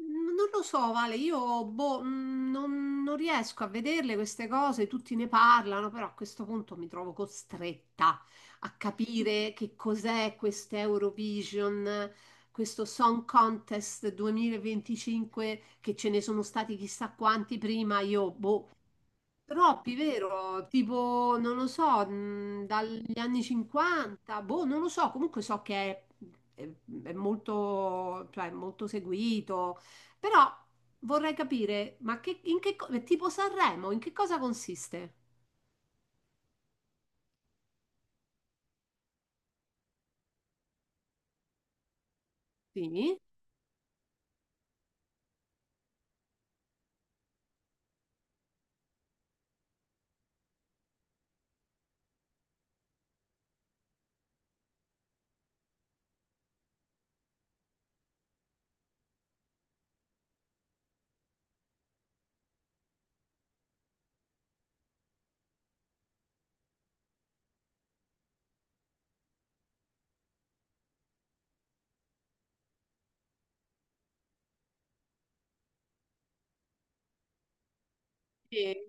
Non lo so, Vale, io boh, non riesco a vederle queste cose, tutti ne parlano, però a questo punto mi trovo costretta a capire che cos'è questo Eurovision, questo Song Contest 2025, che ce ne sono stati chissà quanti prima, io boh. Troppi, vero? Tipo, non lo so, dagli anni 50, boh, non lo so, comunque so che è, è- è molto, cioè, è molto seguito, però vorrei capire, ma che, in che, co- è tipo Sanremo, in che cosa consiste? Sì? Sì.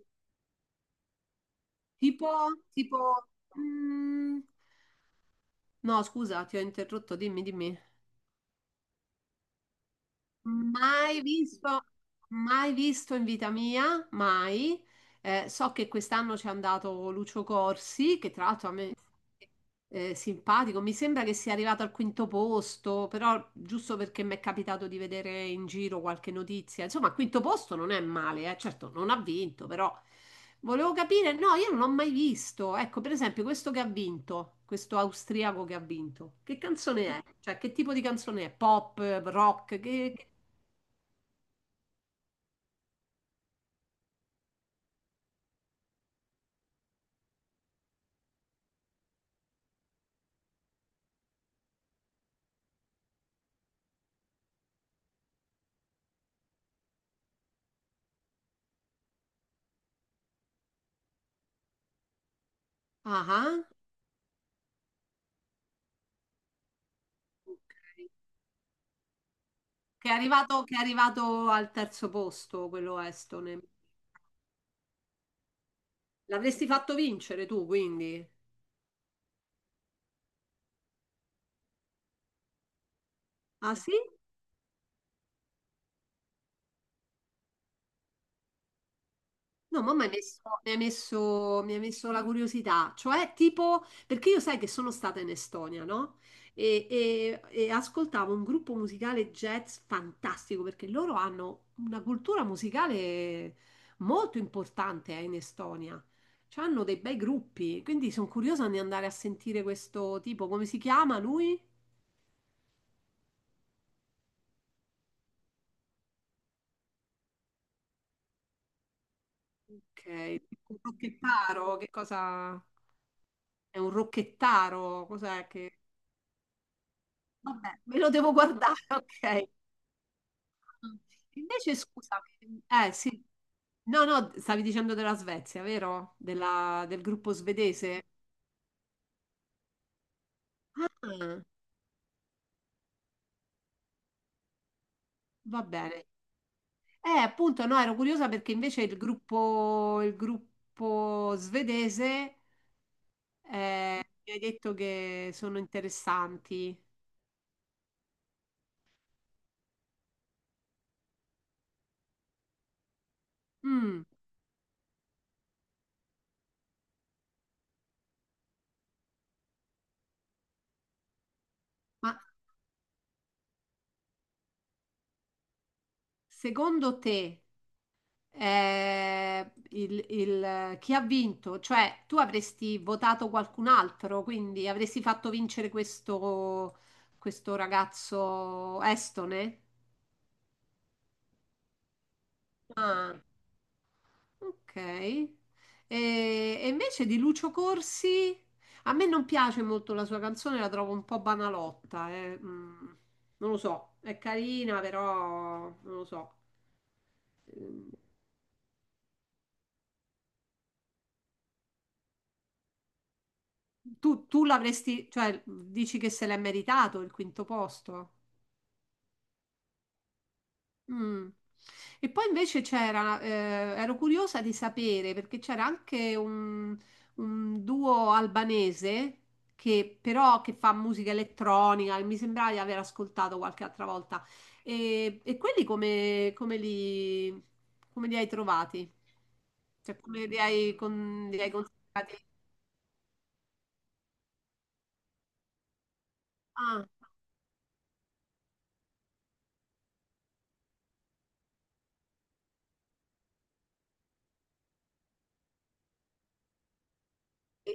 Tipo, tipo, mh, no, scusa, ti ho interrotto, dimmi, dimmi. Mai visto, mai visto in vita mia, mai. So che quest'anno c'è andato Lucio Corsi, che tra l'altro a me è simpatico. Mi sembra che sia arrivato al quinto posto, però giusto perché mi è capitato di vedere in giro qualche notizia. Insomma, al quinto posto non è male, eh. Certo, non ha vinto, però volevo capire. No, io non l'ho mai visto. Ecco, per esempio, questo che ha vinto, questo austriaco che ha vinto, che canzone è? Cioè, che tipo di canzone è? Pop, rock? Ah, ah. Ok. Che è arrivato al terzo posto, quello estone. L'avresti fatto vincere tu, quindi. Ah sì? No, ma mi hai messo la curiosità, cioè tipo, perché io sai che sono stata in Estonia, no? E ascoltavo un gruppo musicale jazz fantastico, perché loro hanno una cultura musicale molto importante, in Estonia. Cioè, hanno dei bei gruppi, quindi sono curiosa di andare a sentire questo tipo, come si chiama lui? Ok, un rocchettaro, che cosa? È un rocchettaro, cos'è che... Vabbè, me lo devo guardare, ok. Invece, scusami, eh sì, no, no, stavi dicendo della Svezia, vero? Del gruppo svedese? Ah, va bene. Appunto, no, ero curiosa perché invece il gruppo svedese mi hai detto che sono interessanti. Mm. Ma secondo te chi ha vinto, cioè tu avresti votato qualcun altro, quindi avresti fatto vincere questo ragazzo estone. Ah, ok. E invece di Lucio Corsi, a me non piace molto la sua canzone, la trovo un po' banalotta, non lo so, è carina, però non lo so. Tu l'avresti, cioè, dici che se l'è meritato il quinto posto? Mm. E poi invece c'era, ero curiosa di sapere perché c'era anche un duo albanese che però che fa musica elettronica, e mi sembrava di aver ascoltato qualche altra volta. E quelli come li hai trovati? Cioè come li hai, con- li hai considerati? Ah, e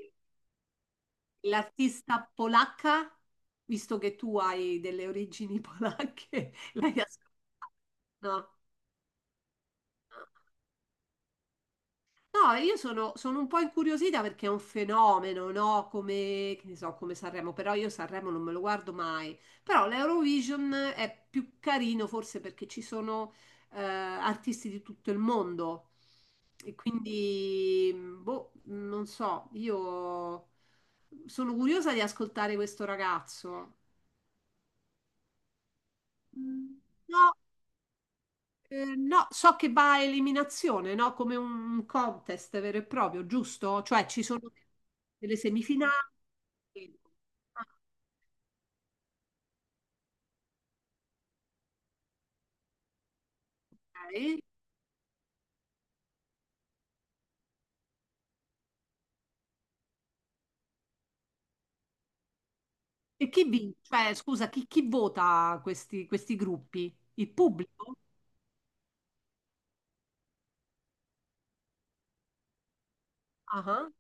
l'artista polacca, visto che tu hai delle origini polacche, l'hai ascoltato? No. No, io sono un po' incuriosita perché è un fenomeno, no? Come, che ne so, come Sanremo, però io Sanremo non me lo guardo mai. Però l'Eurovision è più carino forse perché ci sono artisti di tutto il mondo e quindi, boh, non so, io sono curiosa di ascoltare questo ragazzo. No, eh, no, so che va a eliminazione, no? Come un contest vero e proprio, giusto? Cioè ci sono delle semifinali. Ah, ok. E chi vince? Cioè, scusa, chi vota questi gruppi? Il pubblico? Ah, ah.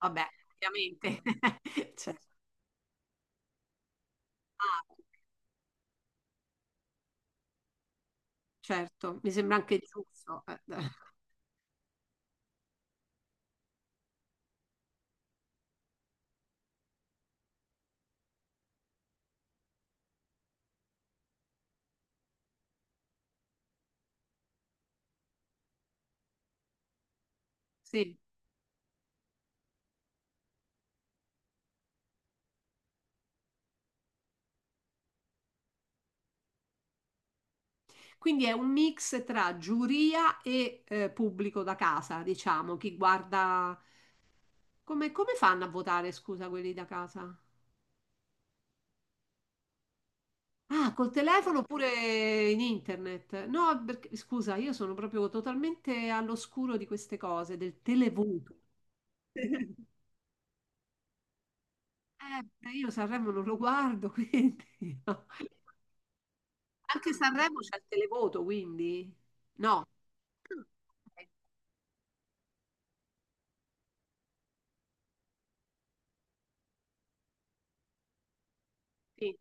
Vabbè, ovviamente. Cioè, ah, certo, mi sembra anche giusto. Sì. Quindi è un mix tra giuria e pubblico da casa, diciamo, chi guarda. Come fanno a votare, scusa, quelli da casa? Ah, col telefono oppure in internet? No, perché, scusa, io sono proprio totalmente all'oscuro di queste cose, del televoto. Io Sanremo non lo guardo, quindi no. Anche Sanremo c'è il televoto, quindi no. Ok. Sì,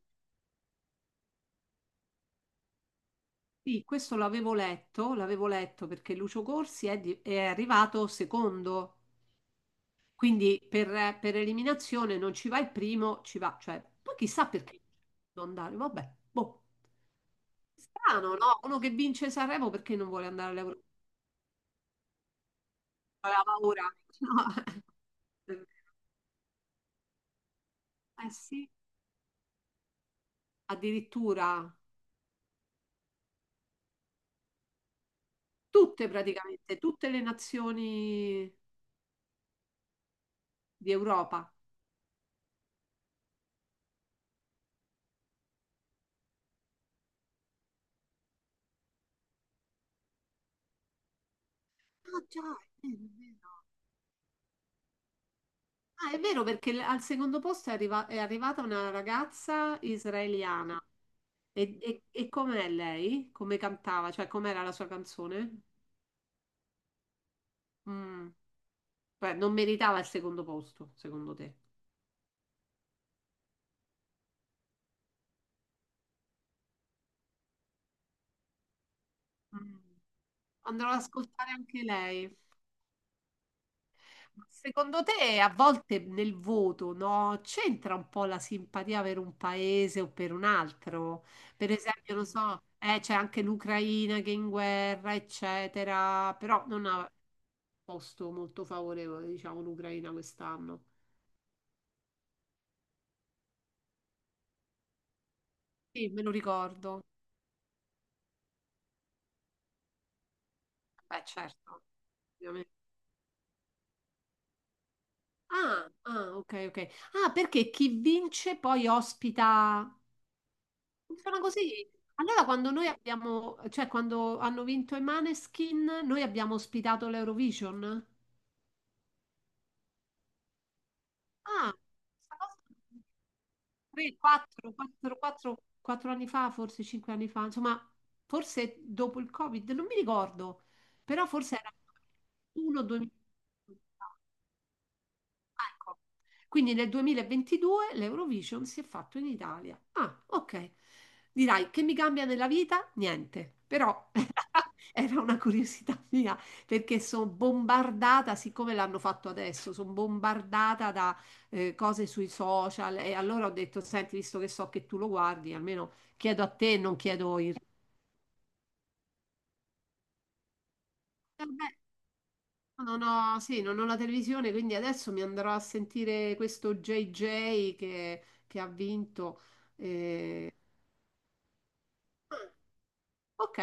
sì, questo l'avevo letto, perché Lucio Corsi è arrivato secondo. Quindi per eliminazione non ci va il primo, ci va, cioè, poi chissà perché non andare, vabbè, boh. Strano, no? Uno che vince Sanremo perché non vuole andare all'Europa? Aveva paura. No. Eh sì, addirittura tutte praticamente, tutte le nazioni di Europa. Ah già, è vero, è vero. Ah, è vero, perché al secondo posto è arrivata una ragazza israeliana. E com'è lei? Come cantava? Cioè, com'era la sua canzone? Mm. Beh, non meritava il secondo posto, secondo te. Mm. Andrò ad ascoltare anche lei. Ma secondo te, a volte nel voto, no, c'entra un po' la simpatia per un paese o per un altro? Per esempio, non so, c'è anche l'Ucraina che è in guerra, eccetera, però non ha posto molto favorevole, diciamo, l'Ucraina quest'anno. Sì, me lo ricordo. Beh, certo, ovviamente. Ah, ah, ok, ok. Ah, perché chi vince poi ospita. Funziona così. Allora, quando noi abbiamo, cioè quando hanno vinto i Maneskin, noi abbiamo ospitato l'Eurovision. Ah, questa cosa 3, 4, 4, 4, 4 anni fa, forse 5 anni fa, insomma, forse dopo il Covid, non mi ricordo, però forse era 1 2000. Ecco. Quindi nel 2022 l'Eurovision si è fatto in Italia. Ah, ok. Dirai, che mi cambia nella vita? Niente, però era una curiosità mia perché sono bombardata, siccome l'hanno fatto adesso, sono bombardata da cose sui social e allora ho detto, senti, visto che so che tu lo guardi, almeno chiedo a te, non chiedo il... Non ho, sì, non ho la televisione, quindi adesso mi andrò a sentire questo JJ che ha vinto. eh. Ah, ok,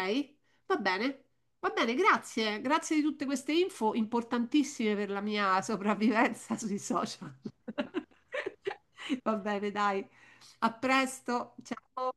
va bene, va bene, grazie. Grazie di tutte queste info importantissime per la mia sopravvivenza sui social. Va bene, dai. A presto. Ciao.